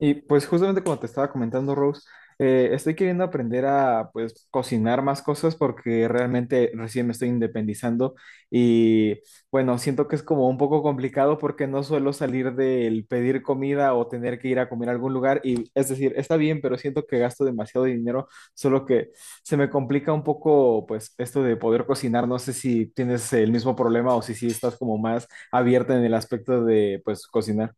Y pues justamente como te estaba comentando, Rose, estoy queriendo aprender a pues cocinar más cosas porque realmente recién me estoy independizando y bueno, siento que es como un poco complicado porque no suelo salir del pedir comida o tener que ir a comer a algún lugar y es decir, está bien, pero siento que gasto demasiado dinero, solo que se me complica un poco pues esto de poder cocinar. No sé si tienes el mismo problema o si sí estás como más abierta en el aspecto de pues cocinar.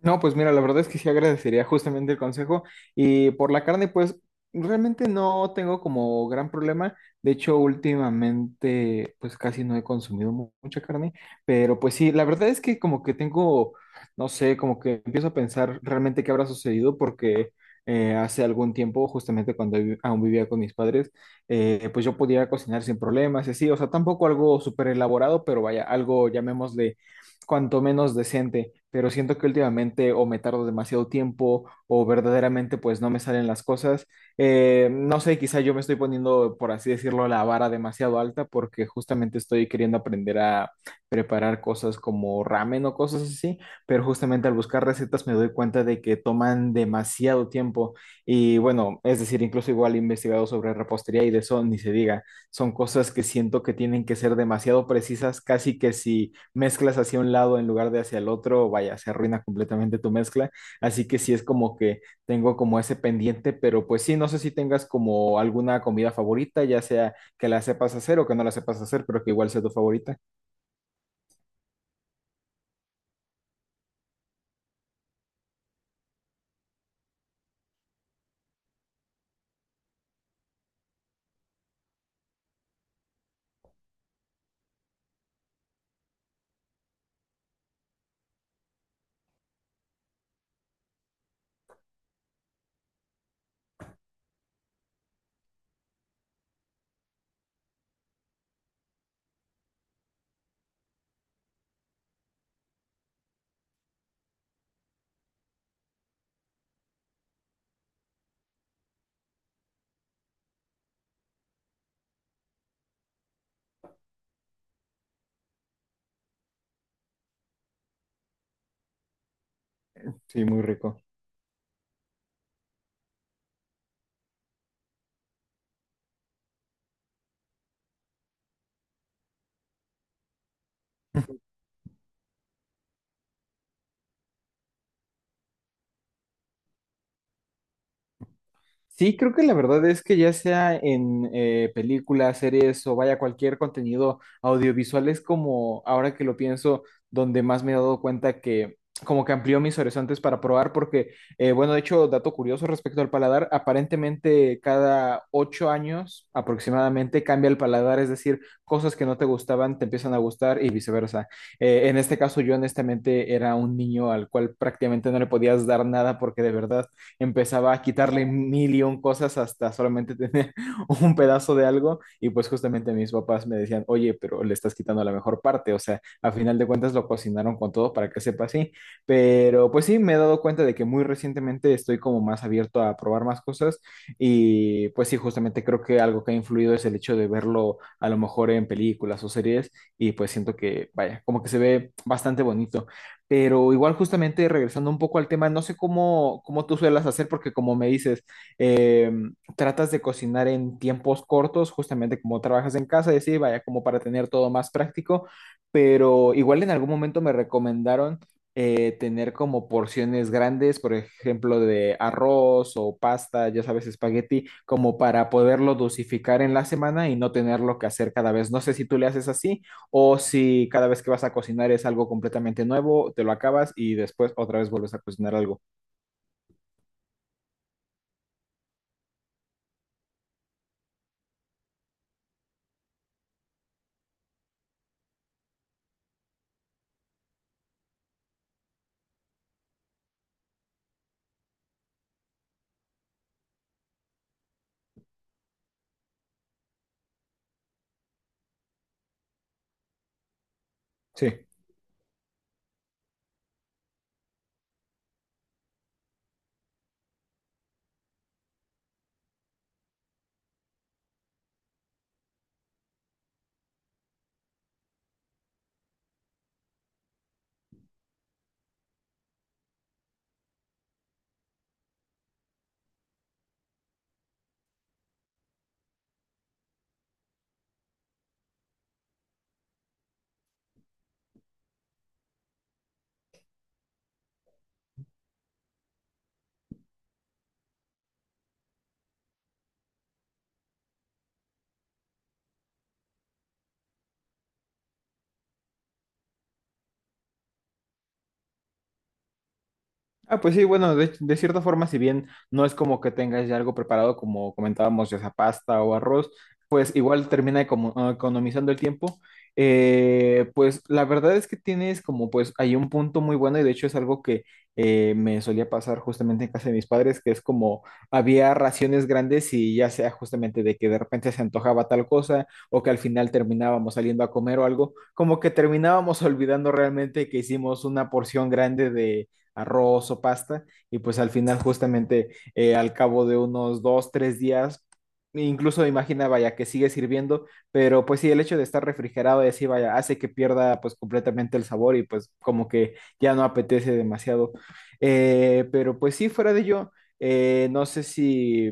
No, pues mira, la verdad es que sí agradecería justamente el consejo. Y por la carne, pues realmente no tengo como gran problema. De hecho, últimamente, pues casi no he consumido mucha carne. Pero pues sí, la verdad es que como que tengo, no sé, como que empiezo a pensar realmente qué habrá sucedido porque hace algún tiempo, justamente cuando aún vivía con mis padres, pues yo podía cocinar sin problemas y así. O sea, tampoco algo súper elaborado, pero vaya, algo llamémosle cuanto menos decente, pero siento que últimamente o me tardo demasiado tiempo o verdaderamente pues no me salen las cosas. No sé, quizá yo me estoy poniendo, por así decirlo, la vara demasiado alta porque justamente estoy queriendo aprender a preparar cosas como ramen o cosas así, pero justamente al buscar recetas me doy cuenta de que toman demasiado tiempo y bueno, es decir, incluso igual he investigado sobre repostería y de eso ni se diga, son cosas que siento que tienen que ser demasiado precisas, casi que si mezclas hacia un lado en lugar de hacia el otro, vaya, se arruina completamente tu mezcla. Así que sí es como que tengo como ese pendiente, pero pues sí, no sé si tengas como alguna comida favorita, ya sea que la sepas hacer o que no la sepas hacer, pero que igual sea tu favorita. Sí, muy rico. Sí, creo que la verdad es que ya sea en películas, series o vaya cualquier contenido audiovisual es como, ahora que lo pienso, donde más me he dado cuenta que como que amplió mis horizontes para probar porque, bueno, de hecho, dato curioso respecto al paladar, aparentemente cada 8 años aproximadamente cambia el paladar, es decir, cosas que no te gustaban te empiezan a gustar y viceversa. En este caso yo honestamente era un niño al cual prácticamente no le podías dar nada porque de verdad empezaba a quitarle mil y un cosas hasta solamente tener un pedazo de algo. Y pues justamente mis papás me decían, oye, pero le estás quitando la mejor parte. O sea, a final de cuentas lo cocinaron con todo para que sepa así. Pero pues sí, me he dado cuenta de que muy recientemente estoy como más abierto a probar más cosas. Y pues sí, justamente creo que algo que ha influido es el hecho de verlo a lo mejor en películas o series. Y pues siento que, vaya, como que se ve bastante bonito. Pero igual justamente regresando un poco al tema, no sé cómo, cómo tú suelas hacer, porque como me dices, eh, tratas de cocinar en tiempos cortos, justamente como trabajas en casa, y así, vaya, como para tener todo más práctico, pero igual en algún momento me recomendaron tener como porciones grandes, por ejemplo, de arroz o pasta, ya sabes, espagueti, como para poderlo dosificar en la semana y no tenerlo que hacer cada vez. No sé si tú le haces así o si cada vez que vas a cocinar es algo completamente nuevo, te lo acabas y después otra vez vuelves a cocinar algo. Sí. Ah, pues sí, bueno, de cierta forma, si bien no es como que tengas ya algo preparado, como comentábamos, ya sea pasta o arroz, pues igual termina economizando el tiempo. Pues la verdad es que tienes como pues hay un punto muy bueno y de hecho es algo que me solía pasar justamente en casa de mis padres, que es como había raciones grandes y ya sea justamente de que de repente se antojaba tal cosa o que al final terminábamos saliendo a comer o algo, como que terminábamos olvidando realmente que hicimos una porción grande de arroz o pasta, y pues al final justamente al cabo de unos 2, 3 días, incluso imaginaba ya que sigue sirviendo, pero pues sí, el hecho de estar refrigerado y así, vaya, hace que pierda pues completamente el sabor y pues como que ya no apetece demasiado. Pero pues sí, fuera de ello, no sé si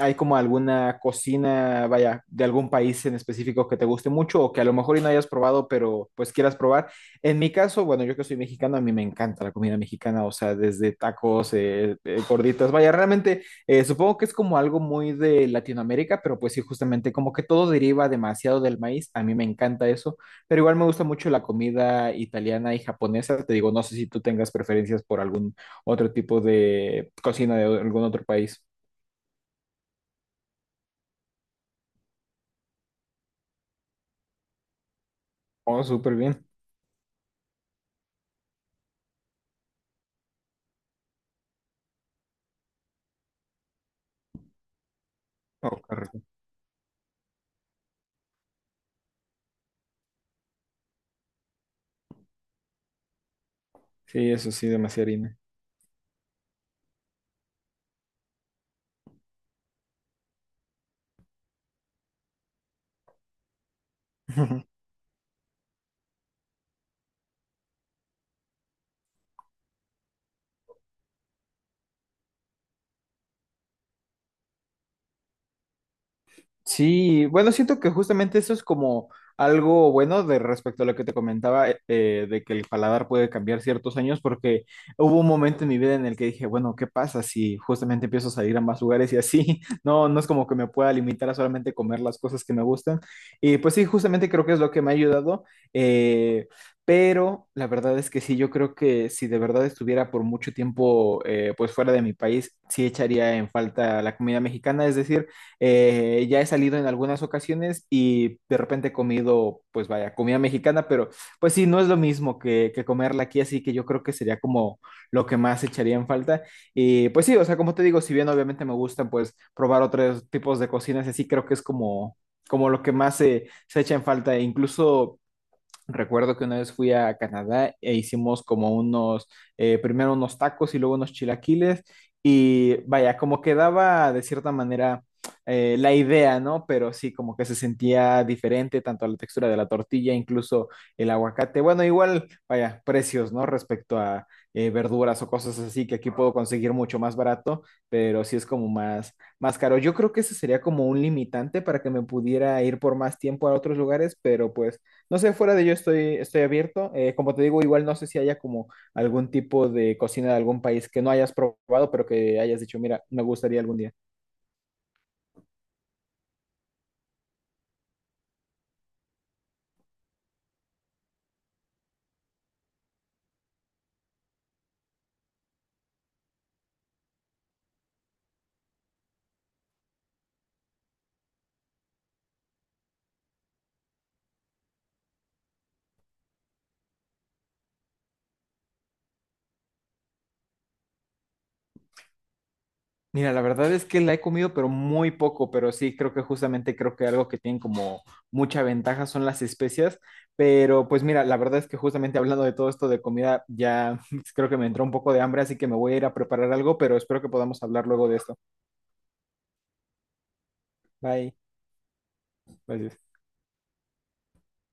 hay como alguna cocina, vaya, de algún país en específico que te guste mucho o que a lo mejor y no hayas probado, pero pues quieras probar. En mi caso, bueno, yo que soy mexicano, a mí me encanta la comida mexicana, o sea, desde tacos, gorditas, vaya, realmente supongo que es como algo muy de Latinoamérica, pero pues sí, justamente como que todo deriva demasiado del maíz, a mí me encanta eso, pero igual me gusta mucho la comida italiana y japonesa, te digo, no sé si tú tengas preferencias por algún otro tipo de cocina de algún otro país. Oh, súper bien. Oh, qué rico. Sí, eso sí, demasiada harina. Sí, bueno, siento que justamente eso es como algo bueno de respecto a lo que te comentaba, de que el paladar puede cambiar ciertos años, porque hubo un momento en mi vida en el que dije, bueno, ¿qué pasa si justamente empiezo a salir a más lugares y así? No, no es como que me pueda limitar a solamente comer las cosas que me gustan. Y pues sí, justamente creo que es lo que me ha ayudado. eh, pero la verdad es que sí, yo creo que si de verdad estuviera por mucho tiempo pues fuera de mi país, sí echaría en falta la comida mexicana, es decir... Ya he salido en algunas ocasiones y de repente he comido, pues vaya, comida mexicana, pero pues sí, no es lo mismo que comerla aquí, así que yo creo que sería como lo que más echaría en falta. Y pues sí, o sea, como te digo, si bien obviamente me gustan, pues probar otros tipos de cocinas, así creo que es como, como lo que más se echa en falta. E incluso recuerdo que una vez fui a Canadá e hicimos como unos, primero unos tacos y luego unos chilaquiles y vaya, como quedaba de cierta manera la idea, ¿no? Pero sí, como que se sentía diferente tanto a la textura de la tortilla, incluso el aguacate. Bueno, igual, vaya, precios, ¿no? Respecto a verduras o cosas así que aquí puedo conseguir mucho más barato, pero sí es como más, más caro. Yo creo que ese sería como un limitante para que me pudiera ir por más tiempo a otros lugares, pero pues no sé, fuera de ello estoy abierto. Como te digo, igual no sé si haya como algún tipo de cocina de algún país que no hayas probado, pero que hayas dicho, mira, me gustaría algún día. Mira, la verdad es que la he comido, pero muy poco, pero sí, creo que justamente creo que algo que tienen como mucha ventaja son las especias, pero pues mira, la verdad es que justamente hablando de todo esto de comida, ya creo que me entró un poco de hambre, así que me voy a ir a preparar algo, pero espero que podamos hablar luego de esto. Bye. Gracias.